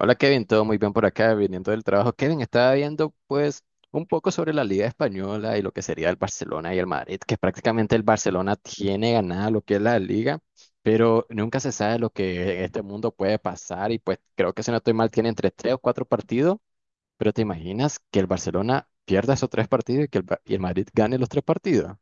Hola Kevin, todo muy bien por acá, viniendo del trabajo. Kevin, estaba viendo pues un poco sobre la Liga Española y lo que sería el Barcelona y el Madrid, que prácticamente el Barcelona tiene ganada lo que es la Liga, pero nunca se sabe lo que en este mundo puede pasar y pues creo que si no estoy mal tiene entre tres o cuatro partidos, pero ¿te imaginas que el Barcelona pierda esos tres partidos y que y el Madrid gane los tres partidos?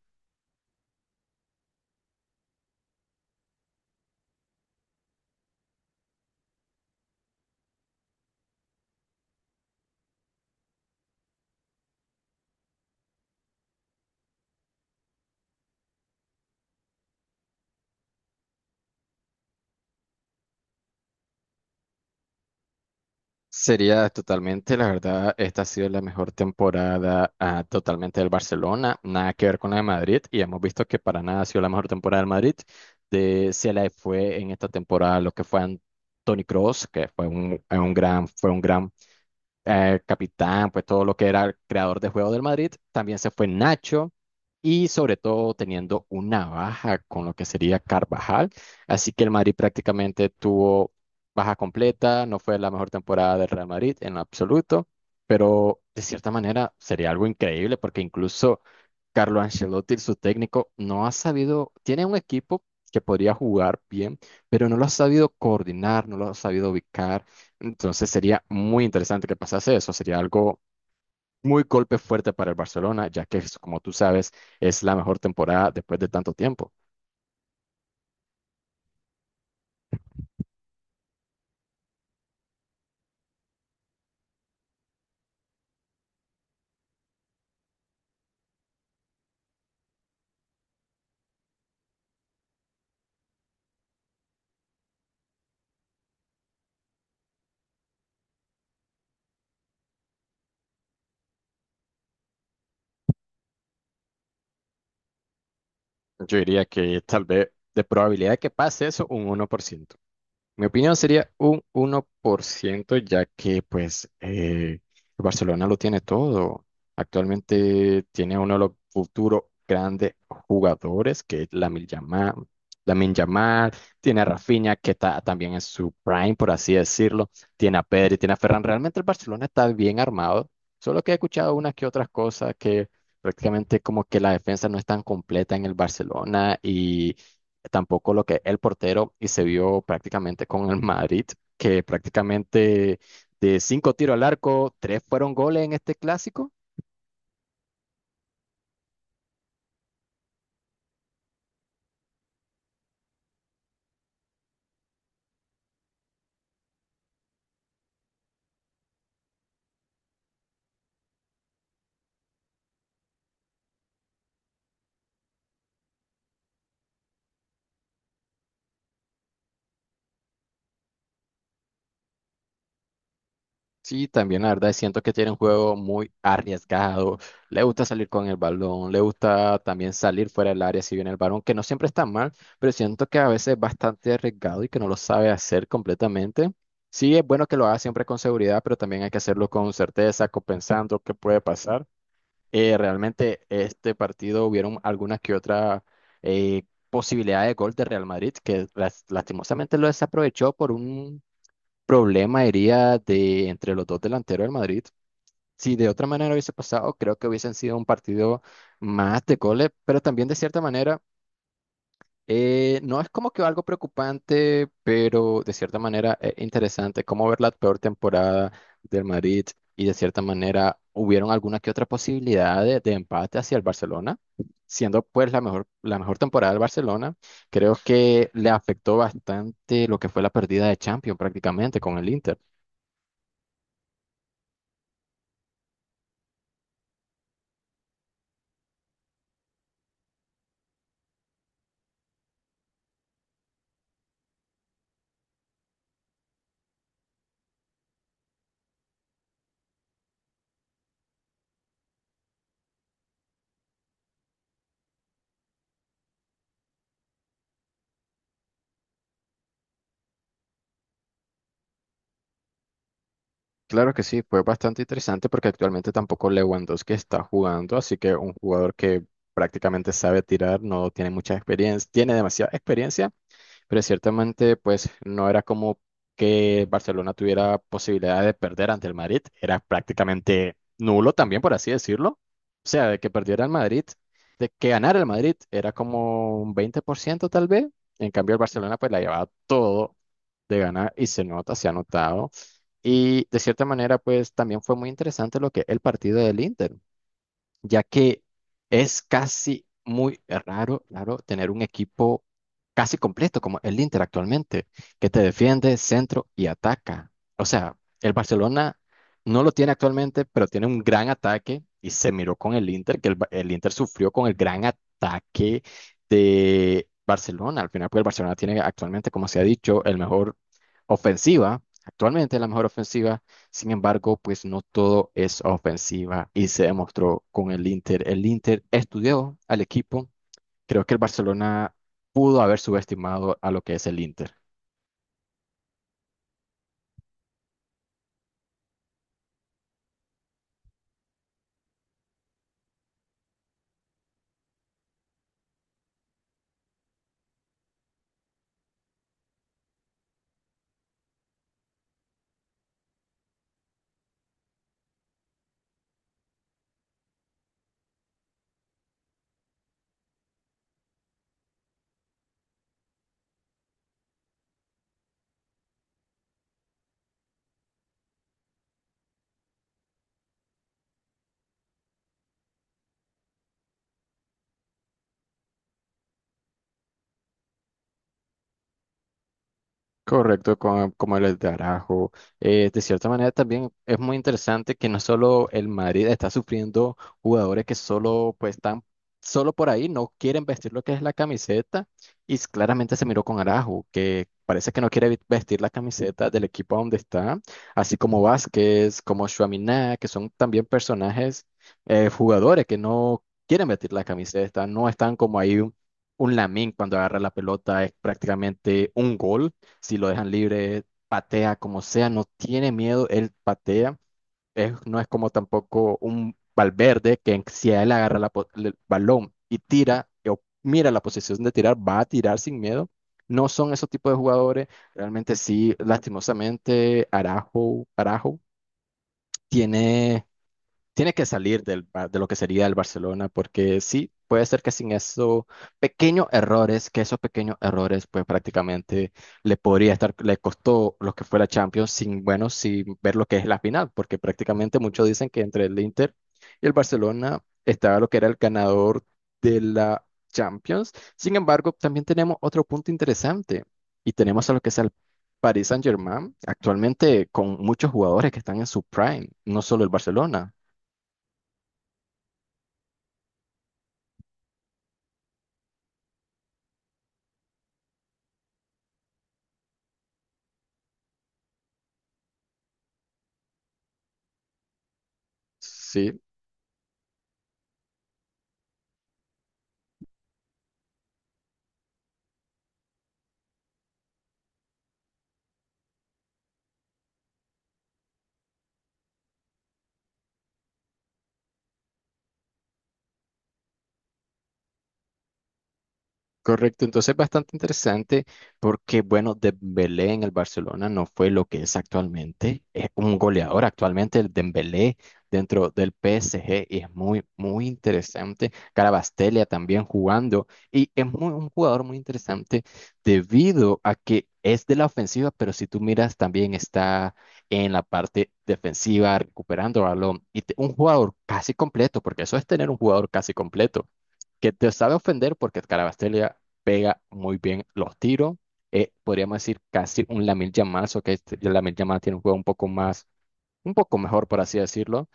Sería totalmente, la verdad, esta ha sido la mejor temporada totalmente del Barcelona, nada que ver con la de Madrid, y hemos visto que para nada ha sido la mejor temporada del Madrid. Se le fue en esta temporada lo que fue Tony Cross, que fue un gran capitán, pues todo lo que era el creador de juego del Madrid. También se fue Nacho y sobre todo teniendo una baja con lo que sería Carvajal, así que el Madrid prácticamente tuvo baja completa. No fue la mejor temporada del Real Madrid en absoluto, pero de cierta manera sería algo increíble porque incluso Carlo Ancelotti, su técnico, no ha sabido, tiene un equipo que podría jugar bien, pero no lo ha sabido coordinar, no lo ha sabido ubicar. Entonces sería muy interesante que pasase eso, sería algo muy golpe fuerte para el Barcelona, ya que, como tú sabes, es la mejor temporada después de tanto tiempo. Yo diría que tal vez de probabilidad de que pase eso, un 1%. Mi opinión sería un 1%, ya que pues el Barcelona lo tiene todo. Actualmente tiene uno de los futuros grandes jugadores, que es Lamine Yamal. Lamine Yamal, tiene a Rafinha, que está también en su prime, por así decirlo. Tiene a Pedri, tiene a Ferran. Realmente el Barcelona está bien armado, solo que he escuchado unas que otras cosas, que prácticamente como que la defensa no es tan completa en el Barcelona y tampoco lo que el portero, y se vio prácticamente con el Madrid, que prácticamente de cinco tiros al arco, tres fueron goles en este clásico. Sí, también la verdad siento que tiene un juego muy arriesgado, le gusta salir con el balón, le gusta también salir fuera del área si viene el balón, que no siempre está mal, pero siento que a veces es bastante arriesgado y que no lo sabe hacer completamente. Sí, es bueno que lo haga siempre con seguridad, pero también hay que hacerlo con certeza, con pensando qué puede pasar. Realmente este partido hubieron algunas que otras eh, posibilidades de gol de Real Madrid que lastimosamente lo desaprovechó por un problema, diría, de entre los dos delanteros del Madrid. Si de otra manera hubiese pasado, creo que hubiesen sido un partido más de goles, pero también de cierta manera. No es como que algo preocupante, pero de cierta manera es interesante como ver la peor temporada del Madrid, y de cierta manera hubieron alguna que otra posibilidad de empate hacia el Barcelona, siendo pues la mejor temporada del Barcelona. Creo que le afectó bastante lo que fue la pérdida de Champions prácticamente con el Inter. Claro que sí, fue bastante interesante porque actualmente tampoco Lewandowski está jugando, así que un jugador que prácticamente sabe tirar, no tiene mucha experiencia, tiene demasiada experiencia, pero ciertamente pues no era como que Barcelona tuviera posibilidad de perder ante el Madrid, era prácticamente nulo también, por así decirlo. O sea, de que perdiera el Madrid, de que ganara el Madrid era como un 20% tal vez, en cambio el Barcelona pues la llevaba todo de ganar, y se nota, se ha notado. Y de cierta manera, pues también fue muy interesante lo que el partido del Inter, ya que es casi muy raro, raro tener un equipo casi completo como el Inter actualmente, que te defiende, centro y ataca. O sea, el Barcelona no lo tiene actualmente, pero tiene un gran ataque y se miró con el Inter, que el Inter sufrió con el gran ataque de Barcelona. Al final, pues el Barcelona tiene actualmente, como se ha dicho, el mejor ofensiva, actualmente la mejor ofensiva. Sin embargo, pues no todo es ofensiva y se demostró con el Inter. El Inter estudió al equipo. Creo que el Barcelona pudo haber subestimado a lo que es el Inter. Correcto, como el de Araujo. De cierta manera también es muy interesante que no solo el Madrid está sufriendo jugadores que solo pues están solo por ahí, no quieren vestir lo que es la camiseta, y claramente se miró con arajo, que parece que no quiere vestir la camiseta del equipo donde está, así como Vázquez, como Tchouaméni, que son también personajes, jugadores que no quieren vestir la camiseta, no están como ahí un Lamine, cuando agarra la pelota es prácticamente un gol si lo dejan libre, patea como sea, no tiene miedo, él patea. No es como tampoco un Valverde, que si a él agarra el balón y tira o mira la posición de tirar, va a tirar sin miedo. No son esos tipos de jugadores. Realmente sí, lastimosamente, Arajo tiene tiene que salir de lo que sería el Barcelona, porque sí, puede ser que sin esos pequeños errores, que esos pequeños errores, pues prácticamente le podría estar, le costó lo que fue la Champions, sin, bueno, sin ver lo que es la final, porque prácticamente muchos dicen que entre el Inter y el Barcelona estaba lo que era el ganador de la Champions. Sin embargo, también tenemos otro punto interesante, y tenemos a lo que es el Paris Saint-Germain, actualmente con muchos jugadores que están en su prime, no solo el Barcelona. Sí, correcto. Entonces, bastante interesante, porque, bueno, Dembélé en el Barcelona no fue lo que es actualmente. Es un goleador actualmente, el Dembélé dentro del PSG, y es muy, muy interesante. Carabastelia también jugando, y es muy, un jugador muy interesante debido a que es de la ofensiva, pero si tú miras también está en la parte defensiva recuperando balón y un jugador casi completo, porque eso es tener un jugador casi completo, que te sabe ofender, porque Carabastella pega muy bien los tiros. Podríamos decir casi un Lamil Yamal, o que Lamil Yamal tiene un juego un poco más, un poco mejor, por así decirlo,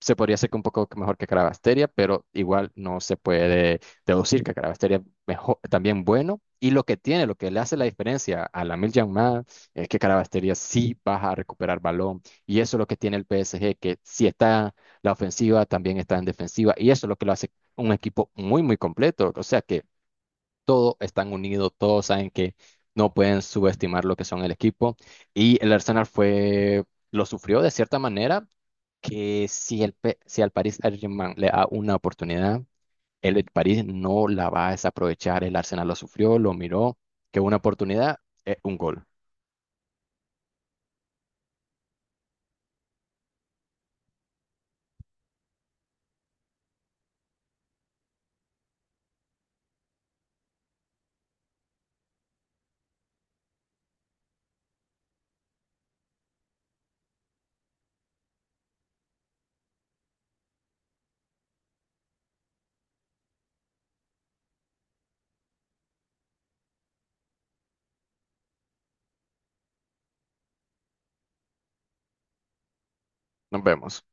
se podría hacer un poco mejor que Cravasteria, pero igual no se puede deducir que Cravasteria es mejor, también bueno. Y lo que tiene, lo que le hace la diferencia a la Miljan Man, es que Cravasteria sí va a recuperar balón. Y eso es lo que tiene el PSG, que si está la ofensiva, también está en defensiva. Y eso es lo que lo hace un equipo muy, muy completo. O sea que todos están unidos, todos saben que no pueden subestimar lo que son el equipo. Y el Arsenal fue, lo sufrió de cierta manera, que si, si al Paris Saint-Germain le da una oportunidad, el de París no la va a desaprovechar. El Arsenal lo sufrió, lo miró, que una oportunidad es un gol. Nos vemos.